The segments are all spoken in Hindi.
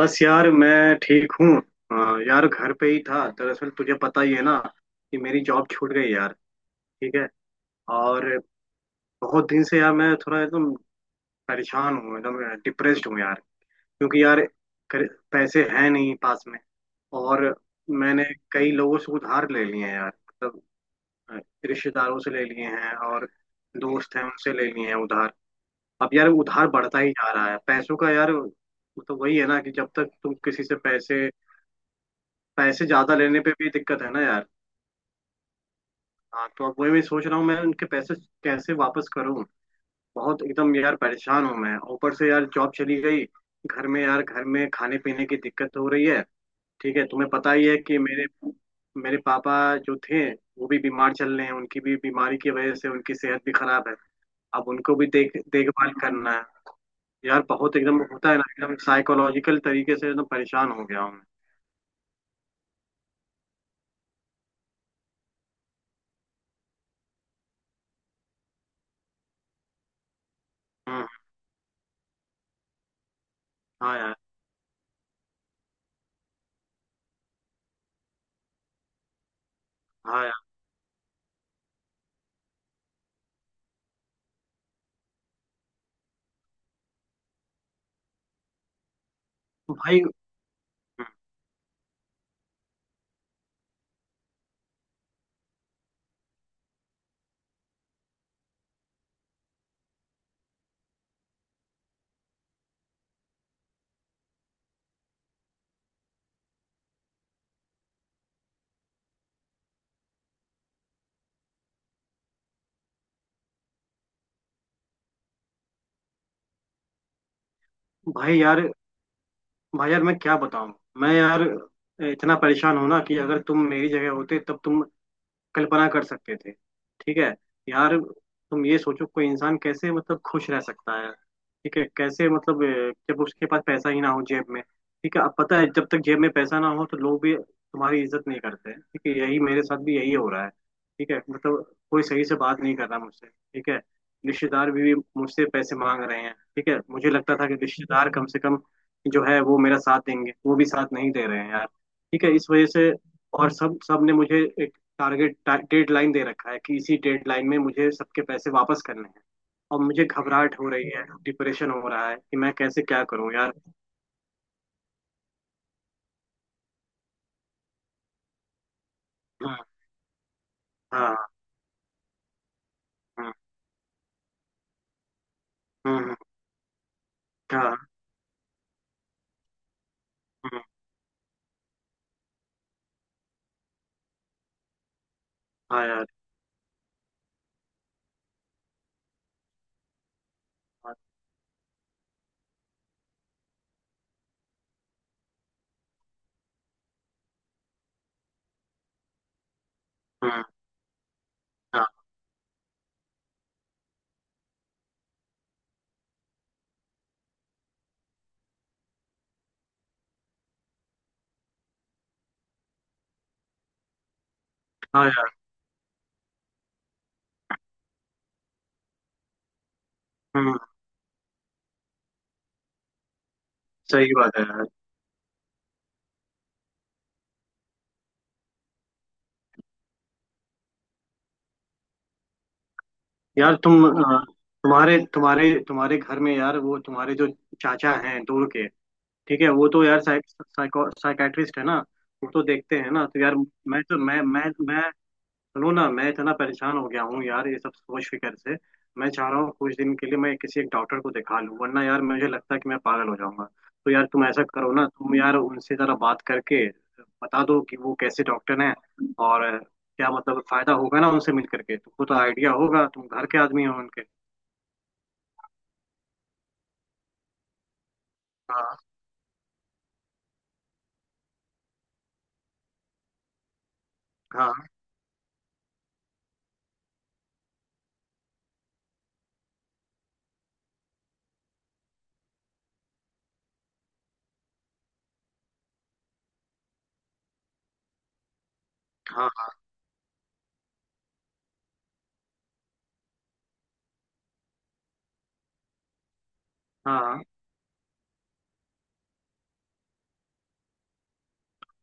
बस यार मैं ठीक हूँ। अ, यार घर पे ही था दरअसल, तुझे पता ही है ना कि मेरी जॉब छूट गई यार। ठीक है। और बहुत दिन से यार मैं थोड़ा एकदम परेशान हूँ, एकदम डिप्रेस्ड हूँ यार। क्योंकि यार कर- पैसे हैं नहीं पास में। और मैंने कई लोगों से उधार ले लिए हैं यार, मतलब अ, रिश्तेदारों से ले लिए हैं, और दोस्त हैं उनसे ले लिए हैं उधार। अब यार उधार बढ़ता ही जा रहा है पैसों का, यार मतलब वही है ना कि जब तक तुम किसी से पैसे पैसे ज्यादा लेने पे भी दिक्कत है ना यार। हाँ, तो अब वही मैं सोच रहा हूँ, मैं उनके पैसे कैसे वापस करूँ। बहुत एकदम यार परेशान हूँ मैं, ऊपर से यार जॉब चली गई, घर में यार घर में खाने पीने की दिक्कत हो रही है। ठीक है, तुम्हें पता ही है कि मेरे मेरे पापा जो थे वो भी बीमार चल रहे हैं, उनकी भी बीमारी की वजह से उनकी सेहत भी खराब है। अब उनको भी देखभाल करना है। यार बहुत एकदम होता है ना, एकदम साइकोलॉजिकल तरीके से एकदम परेशान हो गया हूँ मैं। हम्म। हाँ यार। हाँ यार। भाई। भाई यार, भाई यार मैं क्या बताऊं। मैं यार इतना परेशान हूं ना कि अगर तुम मेरी जगह होते तब तुम कल्पना कर सकते थे। ठीक है यार, तुम ये सोचो कोई इंसान कैसे मतलब खुश रह सकता है। ठीक है, कैसे मतलब जब उसके पास पैसा ही ना हो जेब में। ठीक है, अब पता है जब तक जेब में पैसा ना हो तो लोग भी तुम्हारी इज्जत नहीं करते। ठीक है, यही मेरे साथ भी यही हो रहा है। ठीक है, मतलब कोई सही से बात नहीं कर रहा मुझसे। ठीक है, रिश्तेदार भी मुझसे पैसे मांग रहे हैं। ठीक है, मुझे लगता था कि रिश्तेदार कम से कम जो है वो मेरा साथ देंगे, वो भी साथ नहीं दे रहे हैं यार। ठीक है, इस वजह से। और सब सब ने मुझे टारगेट डेड लाइन दे रखा है कि इसी डेड लाइन में मुझे सबके पैसे वापस करने हैं। और मुझे घबराहट हो रही है, डिप्रेशन हो रहा है कि मैं कैसे क्या करूं यार। हाँ, हाँ, हाँ, हाँ, हाँ, हाँ, हाँ यार। हाँ। हम्म, हाँ। हाँ यार। हम्म। सही बात है यार। यार तुम तुम्हारे तुम्हारे तुम्हारे घर में यार, वो तुम्हारे जो चाचा हैं दूर के, ठीक है, वो तो यार साइको साइकाट्रिस्ट है ना, वो तो देखते हैं ना, तो यार मैं तो मैं सुनो ना, मैं इतना परेशान हो गया हूँ यार ये सब सोच फिकर से। मैं चाह रहा हूँ कुछ दिन के लिए मैं किसी एक डॉक्टर को दिखा लूँ, वरना यार मुझे लगता है कि मैं पागल हो जाऊंगा। तो यार तुम ऐसा करो ना, तुम यार उनसे जरा बात करके बता दो कि वो कैसे डॉक्टर हैं और क्या मतलब फायदा होगा ना उनसे मिल करके, तुमको तो आइडिया होगा, तुम घर के आदमी हो उनके। हाँ, हाँ, हाँ। हाँ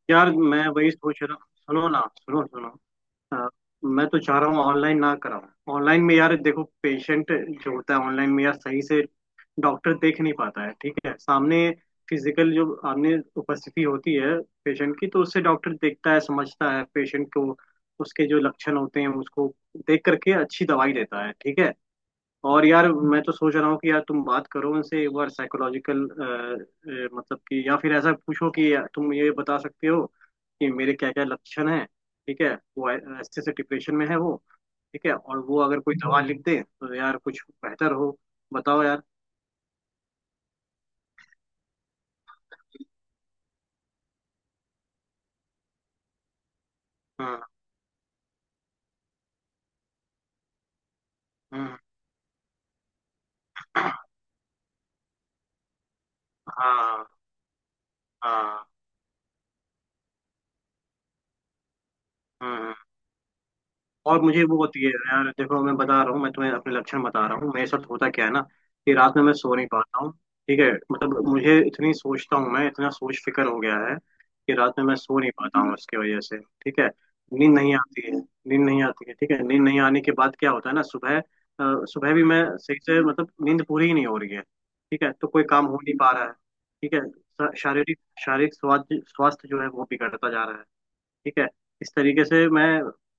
यार मैं वही सोच रहा। सुनो ना, सुनो सुनो। हाँ, मैं तो चाह रहा हूँ ऑनलाइन ना कराऊं। ऑनलाइन में यार देखो पेशेंट जो होता है, ऑनलाइन में यार सही से डॉक्टर देख नहीं पाता है। ठीक है, सामने फिजिकल जो सामने उपस्थिति होती है पेशेंट की, तो उससे डॉक्टर देखता है, समझता है पेशेंट को, उसके जो लक्षण होते हैं उसको देख करके अच्छी दवाई देता है। ठीक है। और यार मैं तो सोच रहा हूँ कि यार तुम बात करो उनसे एक बार, साइकोलॉजिकल मतलब कि, या फिर ऐसा पूछो कि यार तुम ये बता सकते हो कि मेरे क्या क्या लक्षण हैं। ठीक है, वो ऐसे से डिप्रेशन में है वो। ठीक है, और वो अगर कोई दवा लिख दे तो यार कुछ बेहतर हो। बताओ यार। हाँ, हाँ, हाँ, हाँ, हाँ। और मुझे वो होती है यार, देखो मैं बता रहा हूँ, मैं तुम्हें अपने लक्षण बता रहा हूँ, मेरे साथ होता क्या है ना कि रात में मैं सो नहीं पाता हूँ। ठीक है, मतलब मुझे इतनी सोचता हूँ, मैं इतना सोच फिकर हो गया है कि रात में मैं सो नहीं पाता हूँ इसकी वजह से। ठीक है, नींद नहीं आती है, नींद नहीं आती है। ठीक है, नींद नहीं आने के बाद क्या होता है ना, सुबह सुबह भी मैं सही से मतलब नींद पूरी ही नहीं हो रही है। ठीक है, तो कोई काम हो नहीं पा रहा है। ठीक है। शारीरिक शारीरिक स्वास्थ्य स्वास्थ्य जो है वो बिगड़ता जा रहा है। ठीक है, इस तरीके से मैं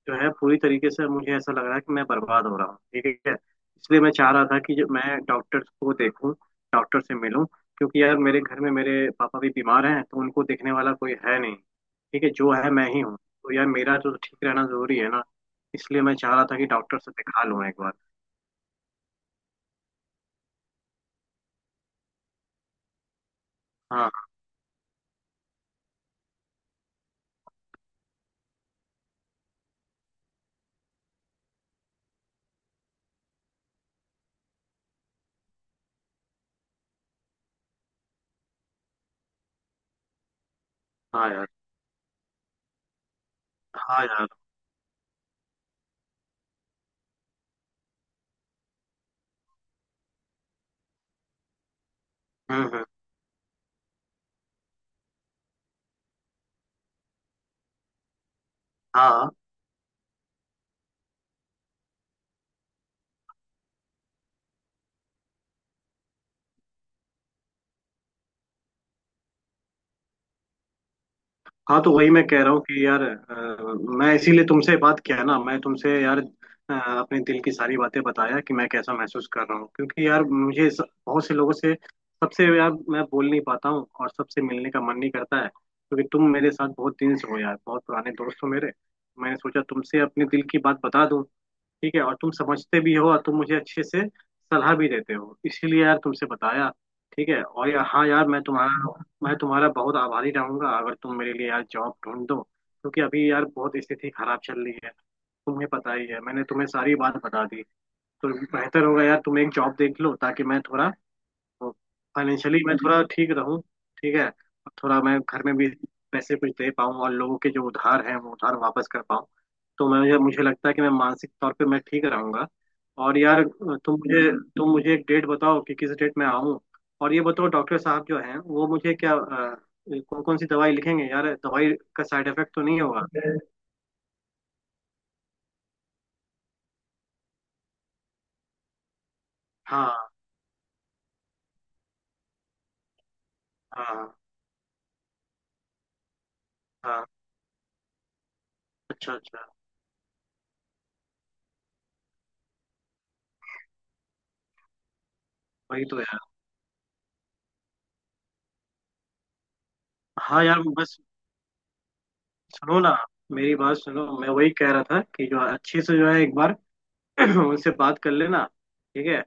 जो है पूरी तरीके से मुझे ऐसा लग रहा है कि मैं बर्बाद हो रहा हूँ। ठीक है, इसलिए मैं चाह रहा था कि जो मैं डॉक्टर को देखूं, डॉक्टर से मिलूं, क्योंकि यार मेरे घर में मेरे पापा भी बीमार हैं तो उनको देखने वाला कोई है नहीं। ठीक है, जो है मैं ही हूँ, तो यार मेरा तो ठीक रहना जरूरी है ना। इसलिए मैं चाह रहा था कि डॉक्टर से दिखा लूं एक बार। हाँ। हाँ यार, हाँ यार। हम्म, हम्म, हाँ। हाँ, तो वही मैं कह रहा हूँ कि यार मैं इसीलिए तुमसे बात किया ना, मैं तुमसे यार अपने दिल की सारी बातें बताया कि मैं कैसा महसूस कर रहा हूँ, क्योंकि यार मुझे बहुत से लोगों से, सबसे यार मैं बोल नहीं पाता हूँ और सबसे मिलने का मन नहीं करता है, क्योंकि तुम मेरे साथ बहुत दिन से हो यार, बहुत पुराने दोस्त हो मेरे। मैंने सोचा तुमसे अपने दिल की बात बता दूँ। ठीक है, और तुम समझते भी हो और तुम मुझे अच्छे से सलाह भी देते हो, इसीलिए यार तुमसे बताया। ठीक है, और यार हाँ यार मैं तुम्हारा बहुत आभारी रहूंगा अगर तुम मेरे लिए यार जॉब ढूंढ दो, क्योंकि अभी यार बहुत स्थिति खराब चल रही है। तुम्हें पता ही है, मैंने तुम्हें सारी बात बता दी। तो बेहतर होगा यार तुम एक जॉब देख लो ताकि मैं थोड़ा फाइनेंशियली मैं थोड़ा ठीक रहूं। ठीक है, और थोड़ा मैं घर में भी पैसे कुछ दे पाऊं और लोगों के जो उधार हैं वो उधार वापस कर पाऊं। तो मैं मुझे मुझे लगता है कि मैं मानसिक तौर पे मैं ठीक रहूंगा। और यार तुम मुझे तुम मुझे एक डेट बताओ कि किस डेट में आऊं। और ये बताओ डॉक्टर साहब जो हैं वो मुझे क्या कौन कौन सी दवाई लिखेंगे यार, दवाई का साइड इफेक्ट तो नहीं होगा। हाँ, हाँ, हाँ। हाँ। अच्छा, अच्छा। वही तो यार। हाँ यार, बस सुनो ना, मेरी बात सुनो, मैं वही कह रहा था कि जो अच्छे से जो है एक बार उनसे बात कर लेना। ठीक है,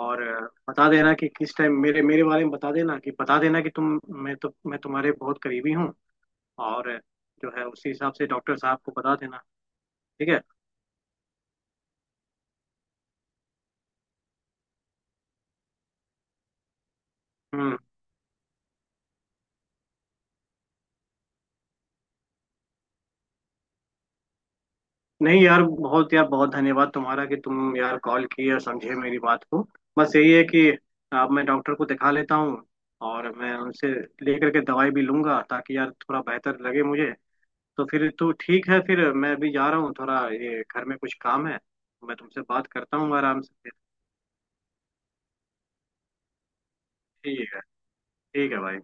और बता देना कि किस टाइम मेरे मेरे बारे में बता देना, कि तुम मैं तो मैं तुम्हारे बहुत करीबी हूँ। और जो है उसी हिसाब से डॉक्टर साहब को बता देना। ठीक है। हम्म। नहीं यार, बहुत यार बहुत धन्यवाद तुम्हारा कि तुम यार कॉल किए और समझे मेरी बात को। बस यही है कि अब मैं डॉक्टर को दिखा लेता हूँ, और मैं उनसे लेकर के दवाई भी लूंगा ताकि यार थोड़ा बेहतर लगे मुझे। तो फिर तो ठीक है, फिर मैं अभी जा रहा हूँ थोड़ा, ये घर में कुछ काम है तो मैं तुमसे बात करता हूँ आराम से फिर। ठीक है। ठीक है भाई।